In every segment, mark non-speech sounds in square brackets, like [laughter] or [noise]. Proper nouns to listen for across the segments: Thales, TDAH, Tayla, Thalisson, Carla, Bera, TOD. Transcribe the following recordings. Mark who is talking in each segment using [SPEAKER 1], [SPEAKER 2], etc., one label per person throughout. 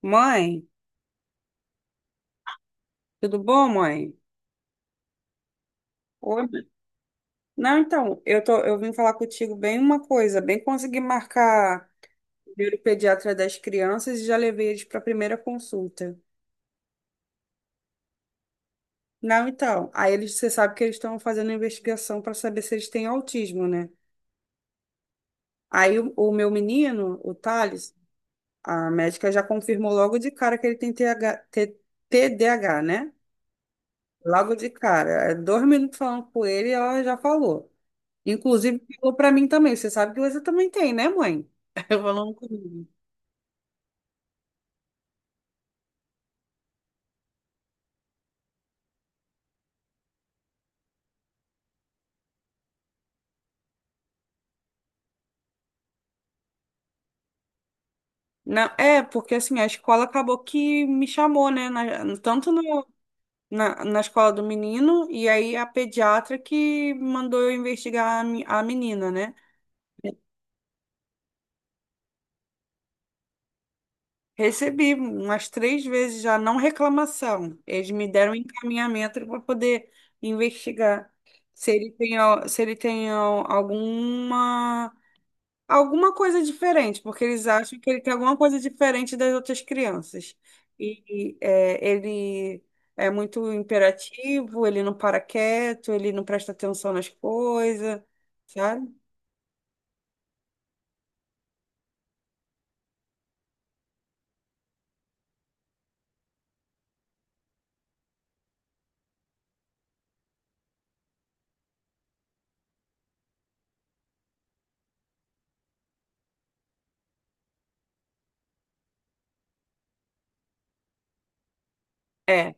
[SPEAKER 1] Mãe, tudo bom, mãe? Oi, mãe. Não, então, eu vim falar contigo bem uma coisa, bem consegui marcar o primeiro pediatra das crianças e já levei eles para a primeira consulta. Não, então, você sabe que eles estão fazendo investigação para saber se eles têm autismo, né? Aí o meu menino, o Thales, a médica já confirmou logo de cara que ele tem TDAH, né? Logo de cara. 2 minutos falando com ele, ela já falou. Inclusive, ficou pra mim também. Você sabe que você também tem, né, mãe? [laughs] Falando comigo. Não, é, porque assim, a escola acabou que me chamou, né? na- tanto no- na, na escola do menino, e aí a pediatra que mandou eu investigar a menina, né? Recebi umas três vezes já, não reclamação. Eles me deram um encaminhamento para poder investigar se ele tem al- alguma coisa diferente, porque eles acham que ele tem alguma coisa diferente das outras crianças. E ele é muito imperativo, ele não para quieto, ele não presta atenção nas coisas, sabe? É.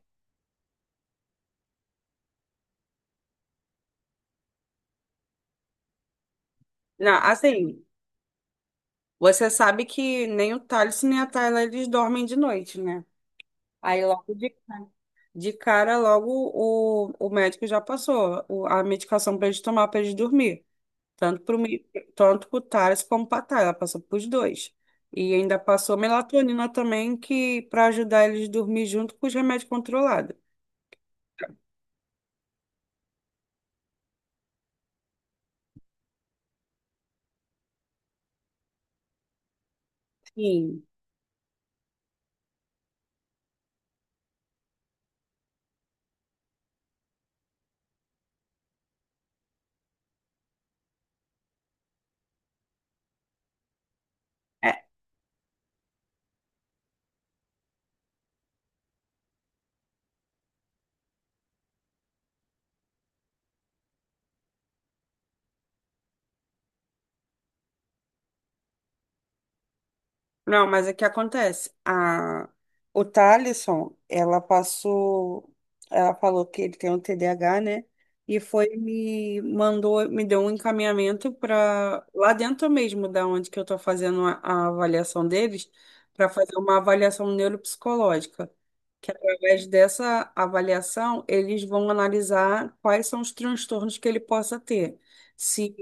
[SPEAKER 1] Não, assim, você sabe que nem o Thales nem a Tayla eles dormem de noite, né? Aí logo de cara, logo o médico já passou a medicação para eles tomar para eles dormir. Tanto pro, mi- tanto pro Thales como pra Thay, ela passou pros dois. E ainda passou melatonina também, que para ajudar eles a dormir junto com os remédios controlados. Sim. Não, mas o que acontece? O Thalisson, ela passou, ela falou que ele tem um TDAH, né? E foi, me mandou, me deu um encaminhamento para lá dentro mesmo, da onde que eu tô fazendo a avaliação deles, para fazer uma avaliação neuropsicológica. Que através dessa avaliação, eles vão analisar quais são os transtornos que ele possa ter. Se,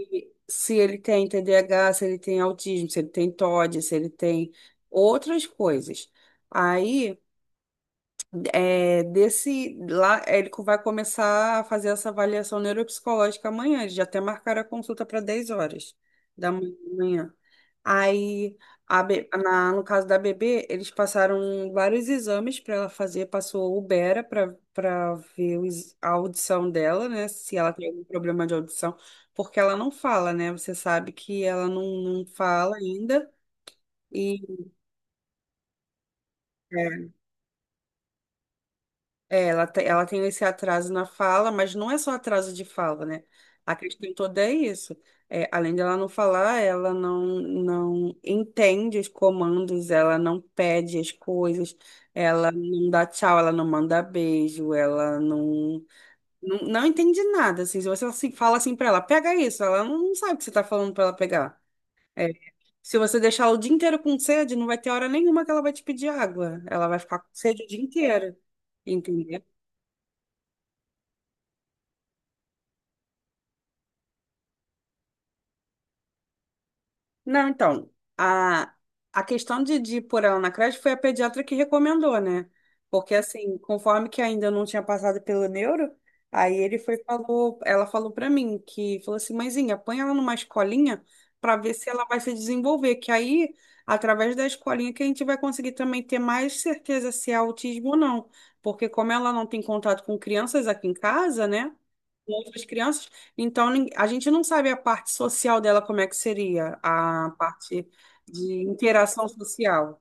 [SPEAKER 1] se ele tem TDAH, se ele tem autismo, se ele tem TOD, se ele tem outras coisas. Aí, desse lá, vai começar a fazer essa avaliação neuropsicológica amanhã. Eles já até marcaram a consulta para 10 horas da manhã. Aí, no caso da bebê, eles passaram vários exames para ela fazer. Passou o Bera para ver a audição dela, né? Se ela tem algum problema de audição, porque ela não fala, né? Você sabe que ela não fala ainda. E É, ela tem esse atraso na fala, mas não é só atraso de fala, né? A questão toda é isso. É, além dela não falar, ela não entende os comandos, ela não pede as coisas, ela não dá tchau, ela não manda beijo, ela não entende nada. Assim, se você assim, fala assim pra ela, pega isso, ela não sabe o que você tá falando pra ela pegar. É, se você deixar ela o dia inteiro com sede, não vai ter hora nenhuma que ela vai te pedir água. Ela vai ficar com sede o dia inteiro. Entendeu? Não, então, a, a questão de pôr ela na creche foi a pediatra que recomendou, né? Porque, assim, conforme que ainda não tinha passado pelo neuro, aí ele foi, falou, ela falou pra mim que, falou assim, mãezinha, põe ela numa escolinha pra ver se ela vai se desenvolver, que aí, através da escolinha, que a gente vai conseguir também ter mais certeza se é autismo ou não. Porque como ela não tem contato com crianças aqui em casa, né? Com outras crianças, então a gente não sabe a parte social dela como é que seria, a parte de interação social.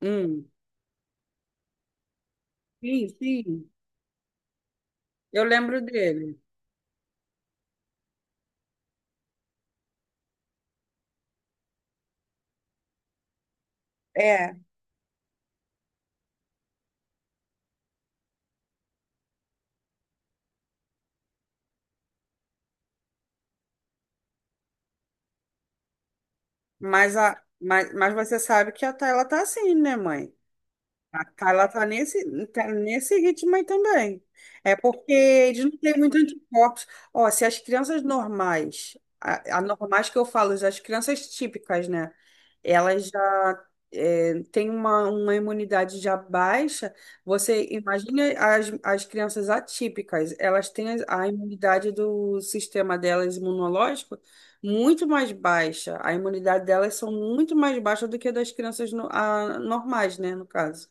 [SPEAKER 1] Hum, sim, sim, eu lembro dele. É, mas, mas você sabe que a ela tá assim, né, mãe? A Carla tá nesse ritmo aí também. É porque eles não têm muito anticorpos. Ó, se as crianças normais, anormais que eu falo, as crianças típicas, né? Elas já têm uma imunidade já baixa. Você imagina as crianças atípicas, elas têm a imunidade do sistema delas imunológico muito mais baixa. A imunidade delas são muito mais baixa do que a das crianças normais, né, no caso.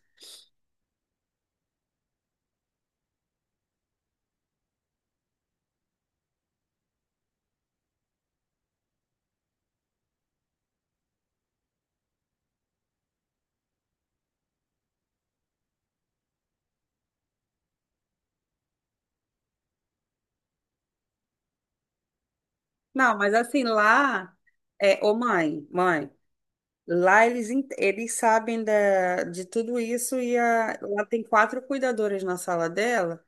[SPEAKER 1] Não, mas assim, lá ô mãe, mãe, lá eles sabem de tudo isso e ela tem quatro cuidadoras na sala dela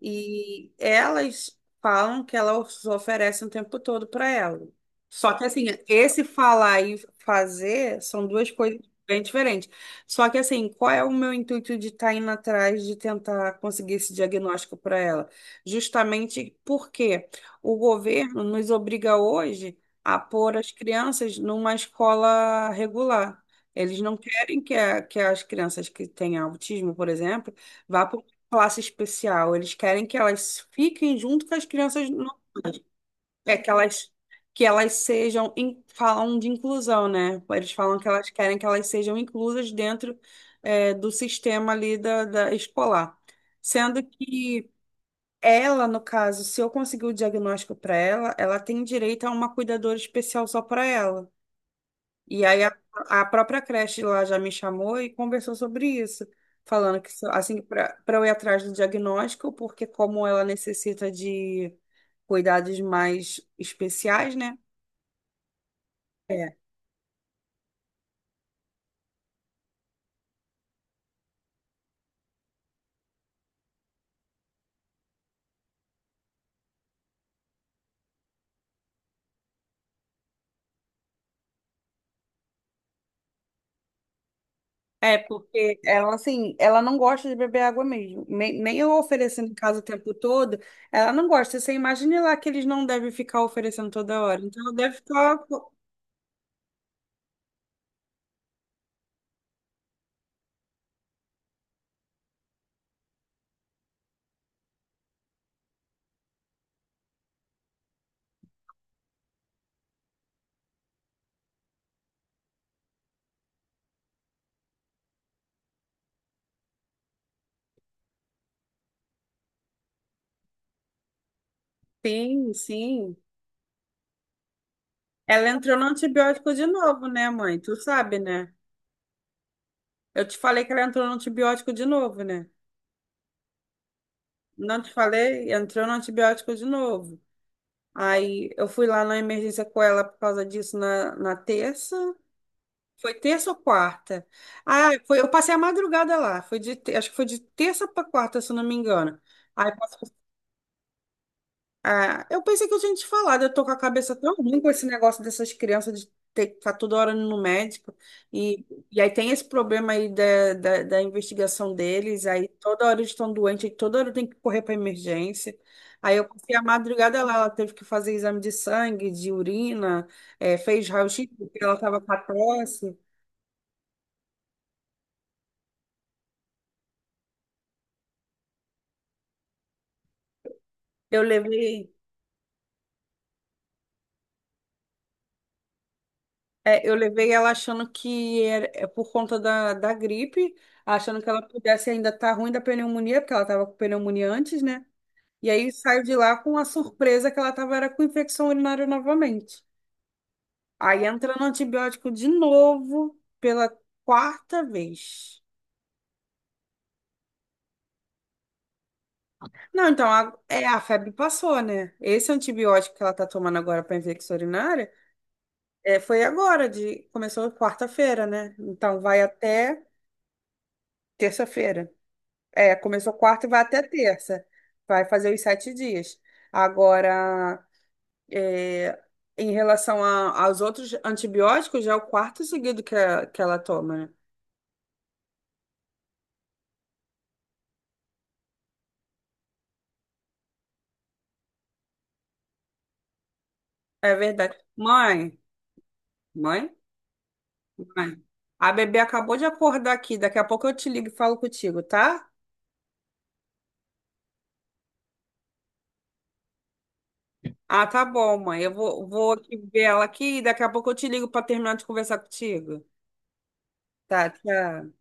[SPEAKER 1] e elas falam que ela os oferece o tempo todo para ela. Só que assim, esse falar e fazer são duas coisas bem diferentes. Só que assim, qual é o meu intuito de estar indo atrás de tentar conseguir esse diagnóstico para ela? Justamente porque o governo nos obriga hoje a pôr as crianças numa escola regular. Eles não querem que, que as crianças que têm autismo, por exemplo, vá para uma classe especial. Eles querem que elas fiquem junto com as crianças normais. É que elas sejam, falam de inclusão, né? Eles falam que elas querem que elas sejam inclusas dentro, do sistema ali da escolar. Sendo que ela, no caso, se eu conseguir o diagnóstico para ela, ela tem direito a uma cuidadora especial só para ela. E aí a própria creche lá já me chamou e conversou sobre isso, falando que se- assim para eu ir atrás do diagnóstico, porque como ela necessita de cuidados mais especiais, né? É. É, porque ela, assim, ela não gosta de beber água mesmo. Nem eu oferecendo em casa o tempo todo, ela não gosta. Você imagine lá que eles não devem ficar oferecendo toda hora. Então, ela deve ficar. Sim, sim. Ela entrou no antibiótico de novo, né, mãe? Tu sabe, né? Eu te falei que ela entrou no antibiótico de novo, né? Não te falei? Entrou no antibiótico de novo. Aí eu fui lá na emergência com ela por causa disso na terça. Foi terça ou quarta? Ah, foi, eu passei a madrugada lá. Acho que foi de terça para quarta, se eu não me engano. Aí Ah, eu pensei que eu tinha te falado, eu tô com a cabeça tão ruim com esse negócio dessas crianças de ter que ficar toda hora indo no médico. E, e aí tem esse problema aí da investigação deles, aí toda hora eles estão doentes, aí toda hora tem que correr para emergência. Aí eu passei a madrugada lá, ela teve que fazer exame de sangue, de urina, fez raio-x porque ela estava com a tosse. Eu levei. É, eu levei ela achando que é por conta da gripe, achando que ela pudesse ainda estar ruim da pneumonia, porque ela estava com pneumonia antes, né? E aí saiu de lá com a surpresa que ela estava era com infecção urinária novamente. Aí entra no antibiótico de novo pela quarta vez. Não, então, a febre passou, né? Esse antibiótico que ela está tomando agora para infecção urinária foi agora, começou quarta-feira, né? Então vai até terça-feira. É, começou quarta e vai até terça. Vai fazer os 7 dias. Agora, é, em relação aos outros antibióticos, já é o quarto seguido que ela toma, né? É verdade. Mãe, mãe, mãe. A bebê acabou de acordar aqui. Daqui a pouco eu te ligo e falo contigo, tá? Ah, tá bom, mãe. Eu vou aqui ver ela aqui e daqui a pouco eu te ligo para terminar de conversar contigo. Tá, tchau.